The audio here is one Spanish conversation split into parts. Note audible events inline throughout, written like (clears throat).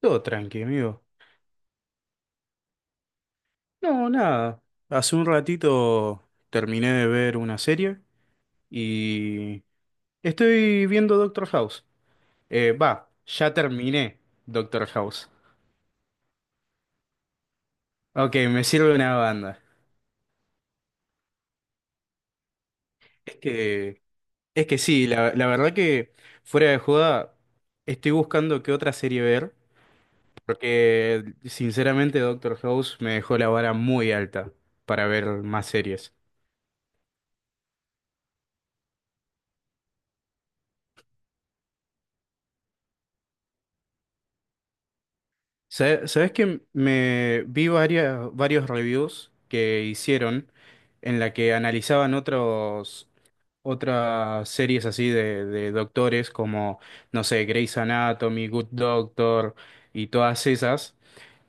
Todo tranqui, amigo. No, nada. Hace un ratito terminé de ver una serie y estoy viendo Doctor House. Va, ya terminé Doctor House. Ok, me sirve una banda. Es que, es que sí, la verdad que fuera de joda estoy buscando qué otra serie ver porque sinceramente Doctor House me dejó la vara muy alta para ver más series. Sabes que me vi varias, varios reviews que hicieron en la que analizaban otros, otras series así de doctores como, no sé, Grey's Anatomy, Good Doctor y todas esas.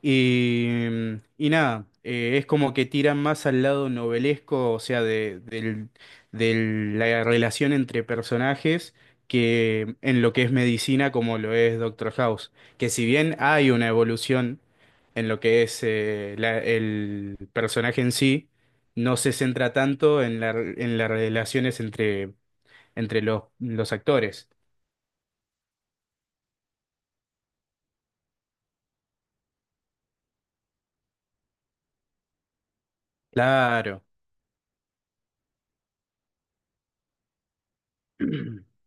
Y, y nada, es como que tiran más al lado novelesco, o sea, la relación entre personajes que en lo que es medicina como lo es Doctor House. Que si bien hay una evolución en lo que es el personaje en sí, no se centra tanto en en las relaciones entre los actores. Claro. (clears throat)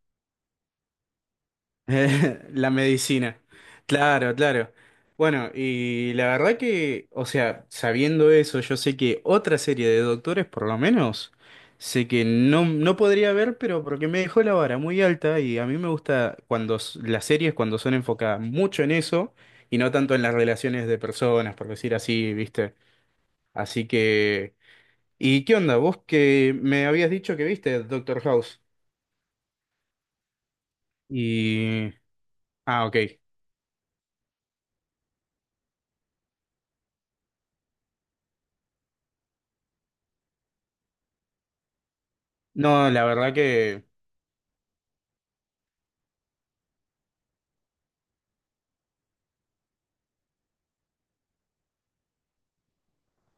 (laughs) La medicina. Claro, claro. Bueno, y la verdad que, o sea, sabiendo eso, yo sé que otra serie de doctores, por lo menos, sé que no, no podría ver, pero porque me dejó la vara muy alta y a mí me gusta cuando las series, cuando son enfocadas mucho en eso y no tanto en las relaciones de personas, por decir así, ¿viste? Así que… ¿Y qué onda? Vos que me habías dicho que viste Doctor House. Y… Ah, ok. No, la verdad que…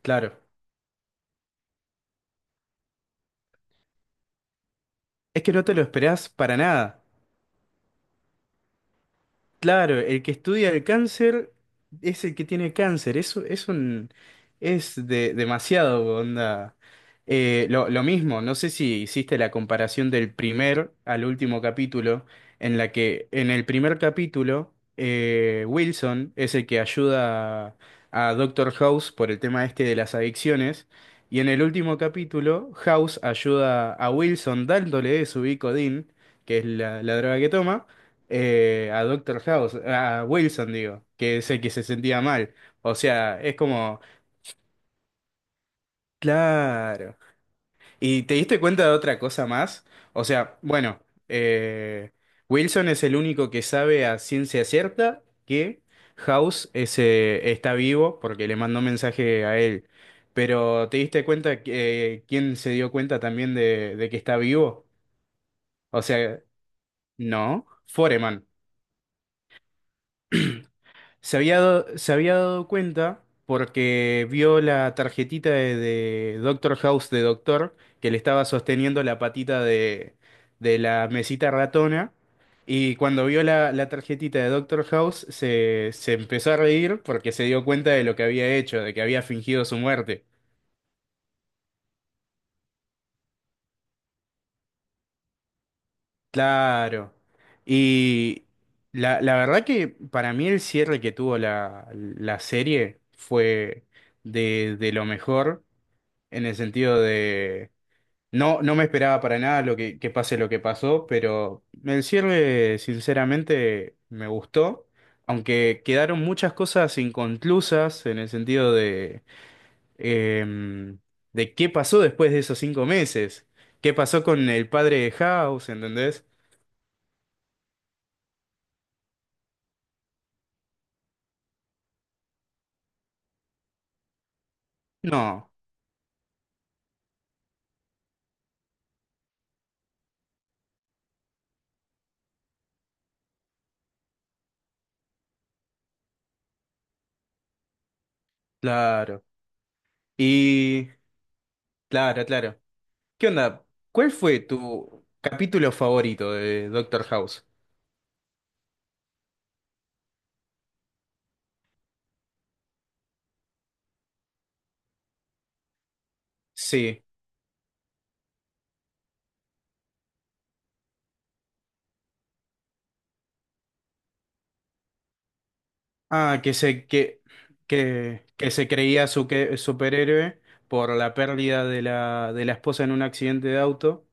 Claro. Es que no te lo esperás para nada. Claro, el que estudia el cáncer es el que tiene cáncer. Eso es un es de, demasiado, onda. Lo mismo, no sé si hiciste la comparación del primer al último capítulo, en la que en el primer capítulo Wilson es el que ayuda a Doctor House por el tema este de las adicciones, y en el último capítulo House ayuda a Wilson dándole su Vicodin, que es la la droga que toma a Doctor House, a Wilson, digo, que es el que se sentía mal. O sea, es como, claro. ¿Y te diste cuenta de otra cosa más? O sea, bueno, eh, Wilson es el único que sabe a ciencia cierta que House está vivo porque le mandó mensaje a él. Pero ¿te diste cuenta que, quién se dio cuenta también de que está vivo? O sea, no, Foreman. Se había dado cuenta porque vio la tarjetita de Doctor House de Doctor que le estaba sosteniendo la patita de la mesita ratona. Y cuando vio la tarjetita de Doctor House se empezó a reír porque se dio cuenta de lo que había hecho, de que había fingido su muerte. Claro. Y la verdad que para mí el cierre que tuvo la serie fue de lo mejor. En el sentido de no, no me esperaba para nada lo que pase lo que pasó, pero el cierre sinceramente me gustó, aunque quedaron muchas cosas inconclusas en el sentido de em, de qué pasó después de esos cinco meses, qué pasó con el padre de House, ¿entendés? No, claro. Y claro, claro. ¿Qué onda? ¿Cuál fue tu capítulo favorito de Doctor House? Sí. Ah, que se creía superhéroe por la pérdida de de la esposa en un accidente de auto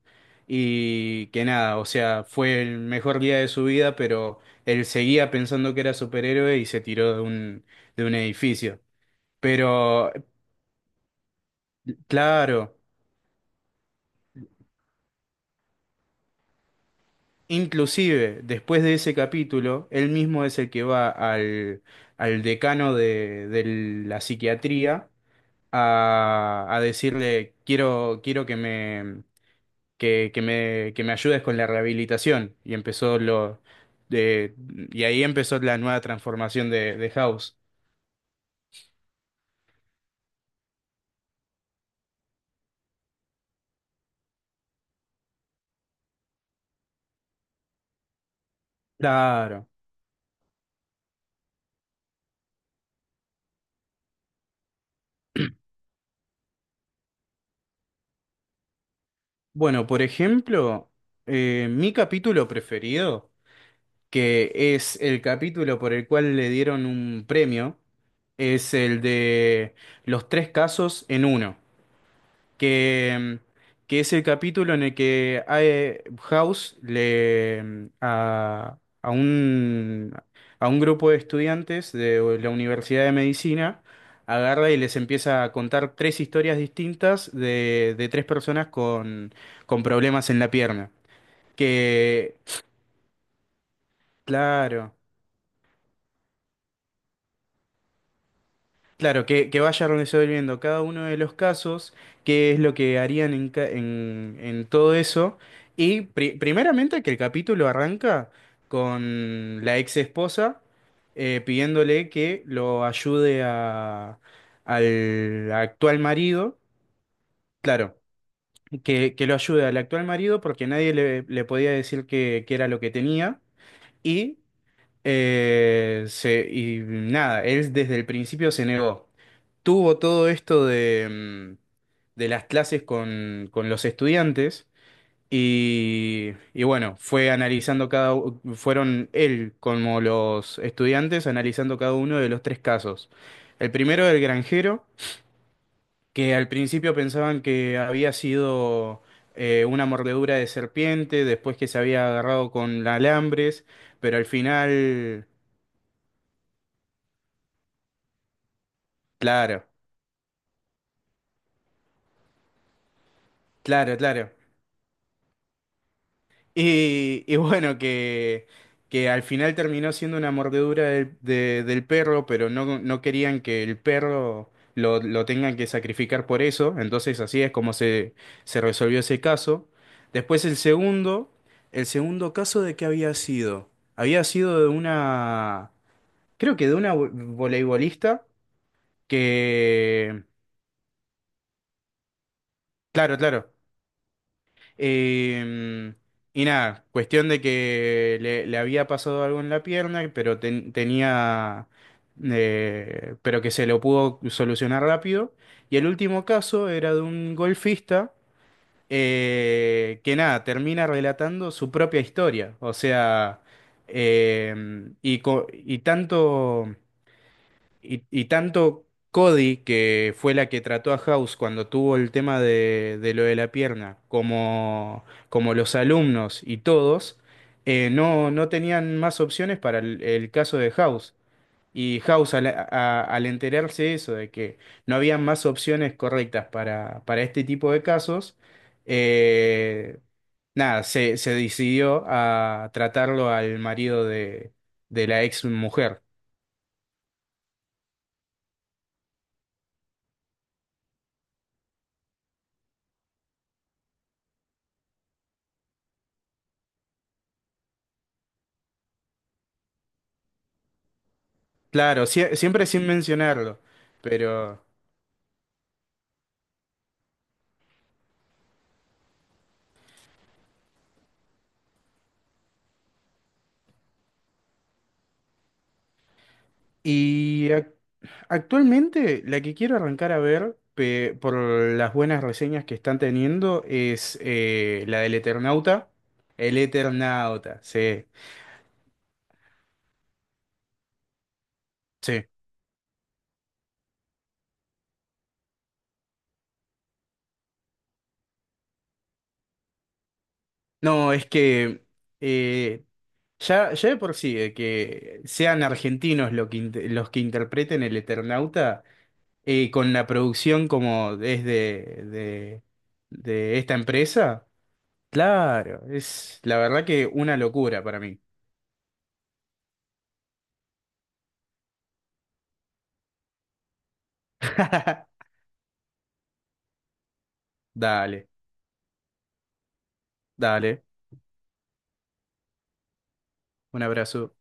y que nada, o sea, fue el mejor día de su vida, pero él seguía pensando que era superhéroe y se tiró de un edificio. Pero, claro, inclusive después de ese capítulo, él mismo es el que va al decano de la psiquiatría a decirle, quiero, quiero que me, que me ayudes con la rehabilitación. Y empezó de, y ahí empezó la nueva transformación de House. Claro. Bueno, por ejemplo, mi capítulo preferido, que es el capítulo por el cual le dieron un premio, es el de los tres casos en uno. que, que es el capítulo en el que House le a un grupo de estudiantes de la Universidad de Medicina agarra y les empieza a contar tres historias distintas de tres personas con problemas en la pierna. Que, claro. Claro, que vaya resolviendo cada uno de los casos, qué es lo que harían en todo eso. Y primeramente que el capítulo arranca con la ex esposa pidiéndole que lo ayude al actual marido. Claro, que lo ayude al actual marido porque nadie le, le podía decir que era lo que tenía. Y, y nada, él desde el principio se negó tuvo todo esto de las clases con los estudiantes y bueno, fue analizando fueron él como los estudiantes analizando cada uno de los tres casos. El primero, el granjero, que al principio pensaban que había sido una mordedura de serpiente, después que se había agarrado con alambres, pero al final, claro, claro, claro. Y bueno, que al final terminó siendo una mordedura del perro, pero no, no querían que el perro lo tengan que sacrificar por eso. Entonces así es como se resolvió ese caso. Después el segundo caso de qué había sido. Había sido de una, creo que de una voleibolista que, claro, claro. Eh, y nada, cuestión de que le había pasado algo en la pierna, pero tenía, pero que se lo pudo solucionar rápido. Y el último caso era de un golfista que nada, termina relatando su propia historia. O sea, eh, y tanto. Y tanto Cody, que fue la que trató a House cuando tuvo el tema de lo de la pierna, como, como los alumnos y todos, no, no tenían más opciones para el caso de House. Y House, al enterarse de eso, de que no había más opciones correctas para este tipo de casos, eh, nada, se decidió a tratarlo al marido de la ex mujer. Claro, siempre sin mencionarlo, pero… Y actualmente la que quiero arrancar a ver, por las buenas reseñas que están teniendo, es la del Eternauta. El Eternauta, sí, sí. No, es que eh, ya de por sí, de que sean argentinos lo que los que interpreten el Eternauta, con la producción como es de esta empresa. Claro, es la verdad que una locura para mí. (laughs) Dale, dale. Un abrazo.